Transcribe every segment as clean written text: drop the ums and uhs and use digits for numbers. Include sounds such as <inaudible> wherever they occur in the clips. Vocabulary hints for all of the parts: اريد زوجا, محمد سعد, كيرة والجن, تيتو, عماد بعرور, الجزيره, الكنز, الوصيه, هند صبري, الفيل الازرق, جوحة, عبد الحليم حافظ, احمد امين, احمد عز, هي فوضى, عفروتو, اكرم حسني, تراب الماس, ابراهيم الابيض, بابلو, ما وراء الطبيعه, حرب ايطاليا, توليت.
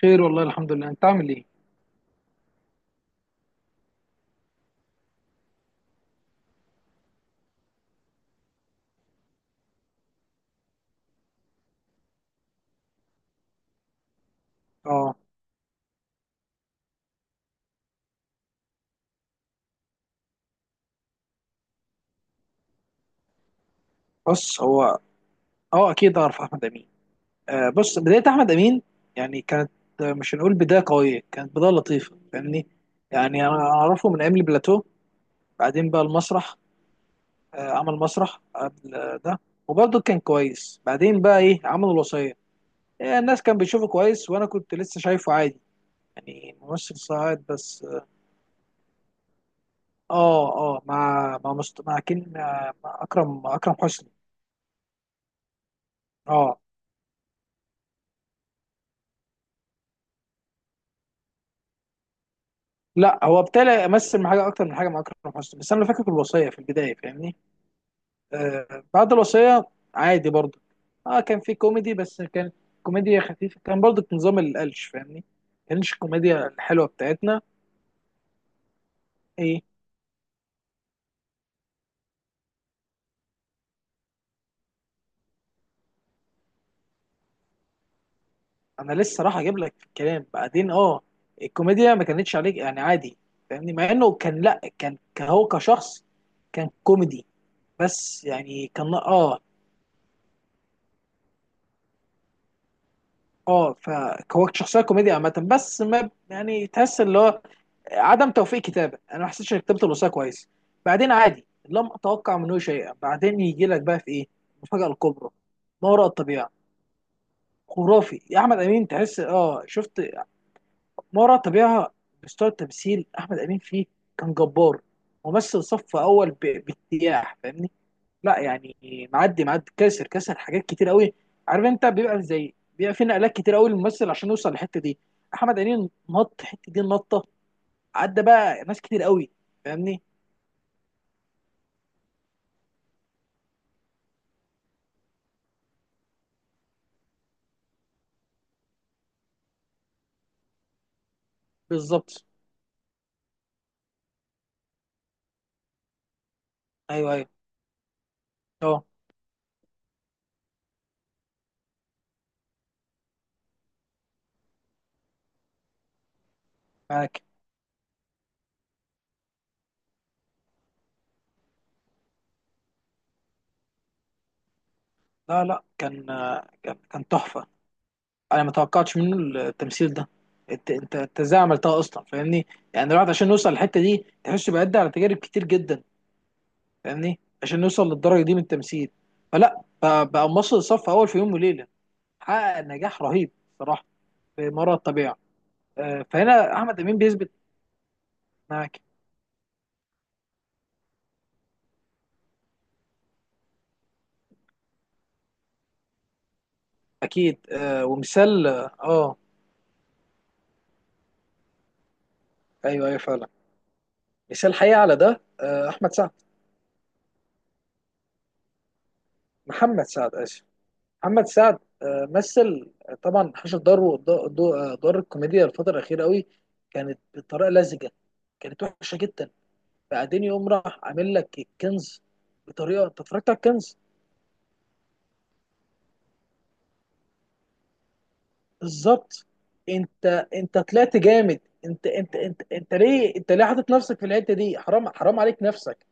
خير والله الحمد لله، انت عامل ايه؟ اه بص، هو اه اكيد اعرف احمد امين. بص، بدايه احمد امين يعني كانت، مش هنقول بدايه قويه، كانت بدايه لطيفه، فاهمني؟ يعني انا اعرفه من ايام البلاتو، بعدين بقى المسرح. عمل مسرح قبل ده، وبرضه كان كويس. بعدين بقى ايه، عمل الوصيه. الناس كان بيشوفه كويس، وانا كنت لسه شايفه عادي، يعني ممثل صاعد بس. اه اه مع مع مست... مع كين مع مع اكرم حسني. اه، لا، هو ابتدى يمثل مع حاجه اكتر من حاجه مع اكرم حسني، بس انا فاكر الوصيه في البدايه، فاهمني؟ بعد الوصيه عادي برضه. اه، كان في كوميدي، بس كان كوميديا خفيفه، كان برضه نظام القلش، فاهمني؟ ما كانش الكوميديا الحلوه بتاعتنا. ايه، انا لسه راح اجيب لك في الكلام بعدين. اه، الكوميديا ما كانتش عليك، يعني عادي، فاهمني؟ مع انه كان، لا، كان هو كشخص كان كوميدي بس، يعني كان اه فهو شخصيه كوميديا عامه، بس ما يعني، تحس اللي هو عدم توفيق كتابه، انا ما حسيتش اني كتبت الوصيه كويس. بعدين عادي، لم اتوقع منه شيئا، بعدين يجي لك بقى في ايه المفاجاه الكبرى، ما وراء الطبيعه. خرافي يا احمد امين، تحس، اه شفت، ما وراء الطبيعه مستوى التمثيل احمد امين فيه كان جبار، ممثل صف اول باجتياح، فاهمني؟ لا يعني معدي كاسر حاجات كتير قوي. عارف انت، بيبقى في نقلات كتير قوي للممثل عشان يوصل للحته دي، احمد امين نط الحته دي النطه، عدى بقى ناس كتير قوي، فاهمني؟ بالظبط. ايوه ايوه، اه، معاك. لا لا، كان كان تحفه. انا ما توقعتش منه التمثيل ده. انت، انت ازاي عملتها اصلا، فاهمني؟ يعني الواحد عشان يوصل للحته دي، تحس بيعدي على تجارب كتير جدا، فاهمني؟ عشان يوصل للدرجه دي من التمثيل. فلا، بقى ممثل صف اول في يوم وليله، حقق نجاح رهيب صراحه، في مرة الطبيعه. فهنا احمد امين بيثبت. معاك. اكيد ومثال، ايوه ايوه فعلا، مثال حقيقي على ده، احمد سعد. محمد سعد، اسف، محمد سعد، مثل، طبعا حشر داره ود- دو- آه، دور الكوميديا الفترة الأخيرة قوي، كانت بطريقة لزجة، كانت وحشة جدا. بعدين يقوم راح عامل لك الكنز بطريقة، أنت اتفرجت على الكنز؟ بالظبط. أنت أنت طلعت جامد. أنت ليه، أنت ليه حاطط نفسك في الحتة دي، حرام، حرام عليك نفسك،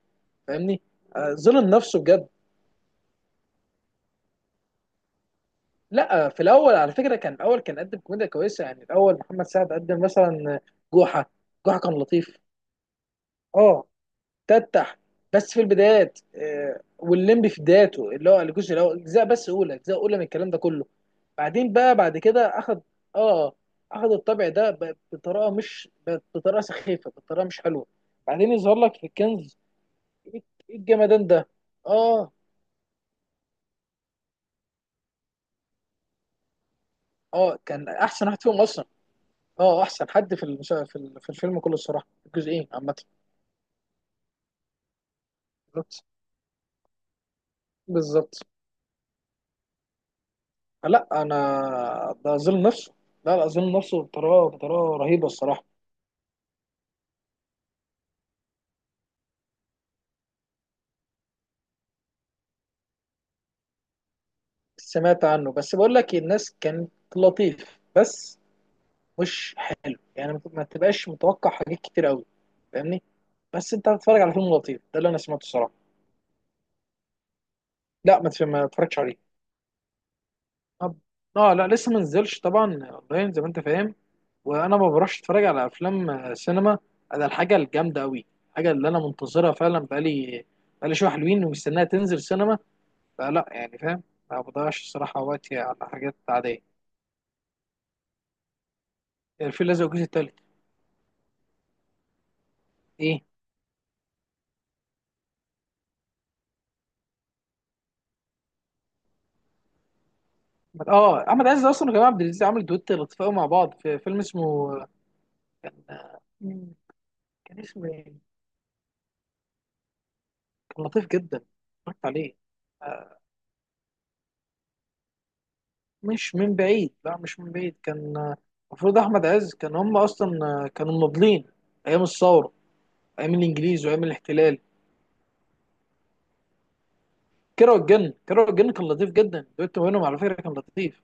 فاهمني؟ ظلم نفسه بجد. لا، في الأول على فكرة كان، الأول كان قدم كوميديا كويسة، يعني الأول محمد سعد قدم مثلا جوحة. جوحة كان لطيف، اه، تفتح، بس في البدايات، والليمبي في بدايته، اللي هو الجزء الاول، اجزاء بس اولى، اجزاء اولى، من الكلام ده كله. بعدين بقى بعد كده اخد، اه، اخد الطبع ده بطريقه، مش بطريقه سخيفه، بطريقه مش حلوه، بعدين يظهر لك في الكنز. ايه، إيه الجمدان ده؟ اه اه، كان احسن واحد فيهم اصلا. اه، احسن حد في المسا... في ال- في الفيلم كله الصراحه، الجزئين عامه. بالظبط بالظبط. لا انا، ده اظلم نفسه. لا لا، اظلم نفسه بطريقه رهيبه الصراحه. سمعت عنه، بس بقول لك إيه، الناس كانت لطيف بس مش حلو، يعني ما ما تبقاش متوقع حاجات كتير قوي، فاهمني؟ بس انت بتتفرج على فيلم لطيف، ده اللي انا سمعته الصراحه. لا ما اتفرجتش عليه. طب، اه، لا، لسه ما نزلش طبعا اونلاين، زي ما انت فاهم. وانا ما بروحش اتفرج على افلام سينما، على الحاجه الجامده قوي. الحاجه اللي انا منتظرها فعلا بقالي شويه حلوين، ومستناها تنزل سينما. فلا يعني، فاهم، ما بضيعش الصراحه وقتي على حاجات عاديه. الفيل الازرق الجزء التالت؟ ايه؟ اه، احمد عز اصلا وكريم عبد العزيز عملوا دويت لطيف قوي مع بعض، في فيلم اسمه، مم، كان اسمه ايه؟ كان لطيف جدا، اتفرجت عليه. آه، مش من بعيد، لا مش من بعيد، كان المفروض احمد عز كان، هم اصلا كانوا مناضلين ايام الثوره، ايام الانجليز وايام الاحتلال. كيرة والجن، كيرة والجن كان لطيف جدا، دويت ما بينهم على فكره كان لطيف.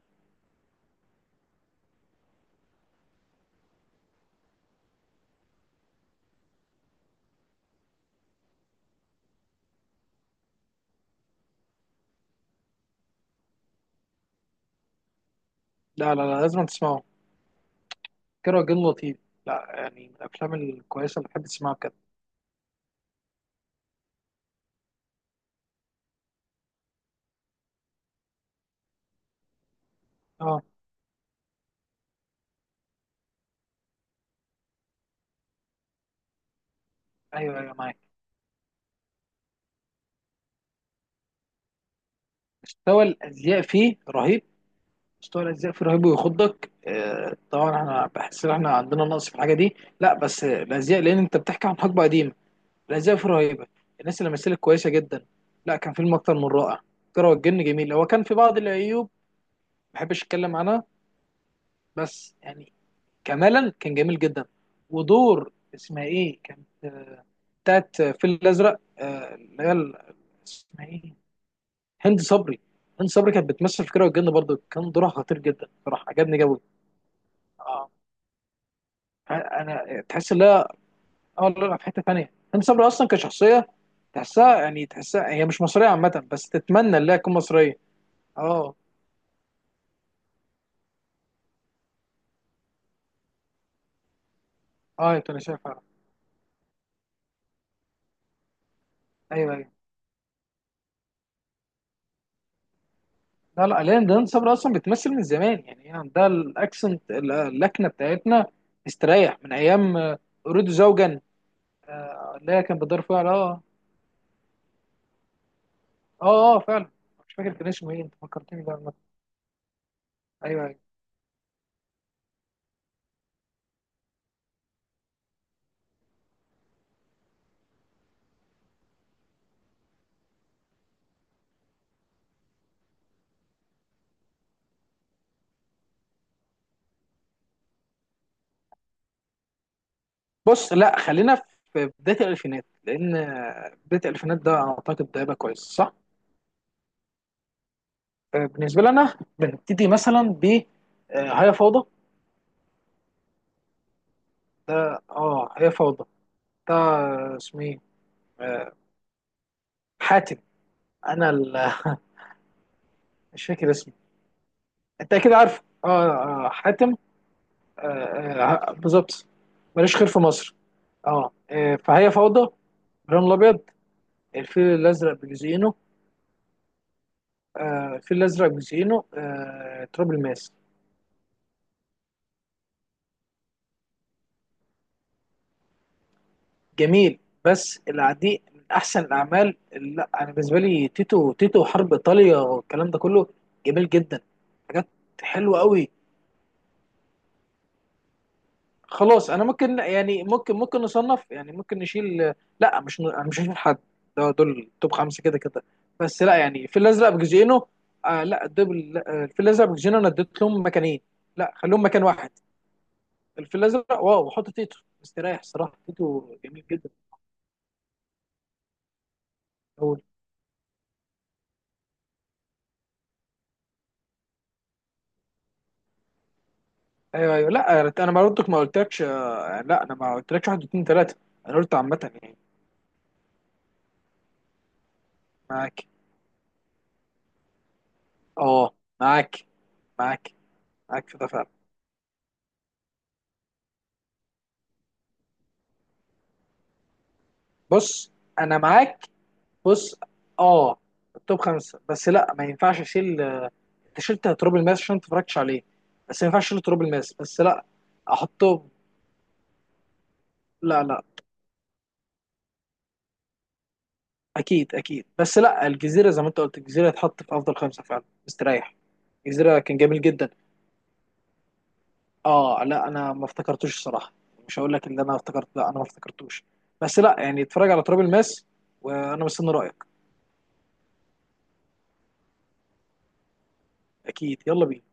لا لا لا، لازم تسمعه، كيرة والجن لطيف، لا يعني، من الافلام الكويسه اللي بحب تسمعها بجد. اه، ايوه ايوه معاك. مستوى الازياء فيه رهيب، مستوى الأجزاء فيه رهيب ويخضك. طبعا احنا بحس ان احنا عندنا نقص في الحاجة دي، لا بس الأزياء، لأن أنت بتحكي عن حقبة قديمة، الأزياء فيه رهيبة، الناس اللي مثلت كويسة جدا. لا، كان فيلم أكتر من رائع. كرة والجن جميل، هو كان في بعض العيوب ما بحبش أتكلم عنها، بس يعني كمالا كان جميل جدا. ودور اسمها إيه كانت، بتاعت الفيل الأزرق، اللي هي اسمها إيه، هند صبري. هند صبري كانت بتمثل في كرة والجن برضه، كان دورها خطير جدا بصراحة، عجبني جوي. انا تحس ان هي، اه لا لا، في حته ثانيه، هند صبري اصلا كشخصيه تحسها، يعني تحسها هي مش مصريه عامه، بس تتمنى ان هي تكون مصريه. اه، اه يا تونسيه فعلا. ايوه ايوه، لا لا، لان هند صبري اصلا بتمثل من زمان، يعني هي عندها الاكسنت، اللكنه بتاعتنا استريح من ايام اريد زوجا، اللي هي كان بدور فيها اه اه فعلا، مش فاكر كان اسمه ايه، انت فكرتني بقى عامة. ايوه ايوه. بص، لا خلينا في بدايه الالفينات، لان بدايه الالفينات ده، اعتقد ده هيبقى كويس صح؟ بالنسبه لنا، بنبتدي مثلا ب هي فوضى، ده، اه، هي فوضى، ده اسمه ايه، آه، حاتم، انا <laughs> مش فاكر اسمه، انت اكيد عارفه، اه، حاتم، آه، بالظبط، ماليش خير في مصر. اه، فهي فوضى، ابراهيم الابيض، الفيل الازرق بجزئينه، الفيل الازرق بجزئينه، تراب الماس. جميل. بس العديء من احسن الاعمال اللي، لا انا بالنسبه لي، تيتو، تيتو حرب ايطاليا والكلام ده كله، جميل جدا، حاجات حلوه قوي. خلاص، انا ممكن، يعني ممكن نصنف، يعني ممكن نشيل. لا مش ن- أنا مش هشيل حد، ده دول توب 5 كده كده. بس لا يعني، في الازرق بجزئينه لا دبل، في الازرق بجزئينه انا اديت لهم مكانين. لا خليهم مكان واحد. الفيل الازرق، واو، وحط تيتو مستريح الصراحه، تيتو جميل جدا. هو. ايوه ايوه، لا انا ما قلتك، ما قلتلكش، لا انا ما قلتلكش 1 2 3، انا قلت عامه يعني. معاك، اه، معاك معاك معاك في ده فعلا. بص انا معاك. بص، اه، التوب خمسه، بس لا ما ينفعش اشيل، انت شلت تراب الماس عشان ما اتفرجتش عليه، بس ما ينفعش اشيل تراب الماس، بس لا، احطه. لا لا، اكيد اكيد، بس لا، الجزيره زي ما انت قلت، الجزيره هتحط في افضل 5 فعلا مستريح. الجزيره كان جميل جدا. اه، لا انا ما افتكرتوش الصراحه، مش هقول لك اللي انا افتكرت، لا انا ما افتكرتوش. بس لا يعني، اتفرج على تراب الماس، وانا مستني رايك. اكيد، يلا بينا.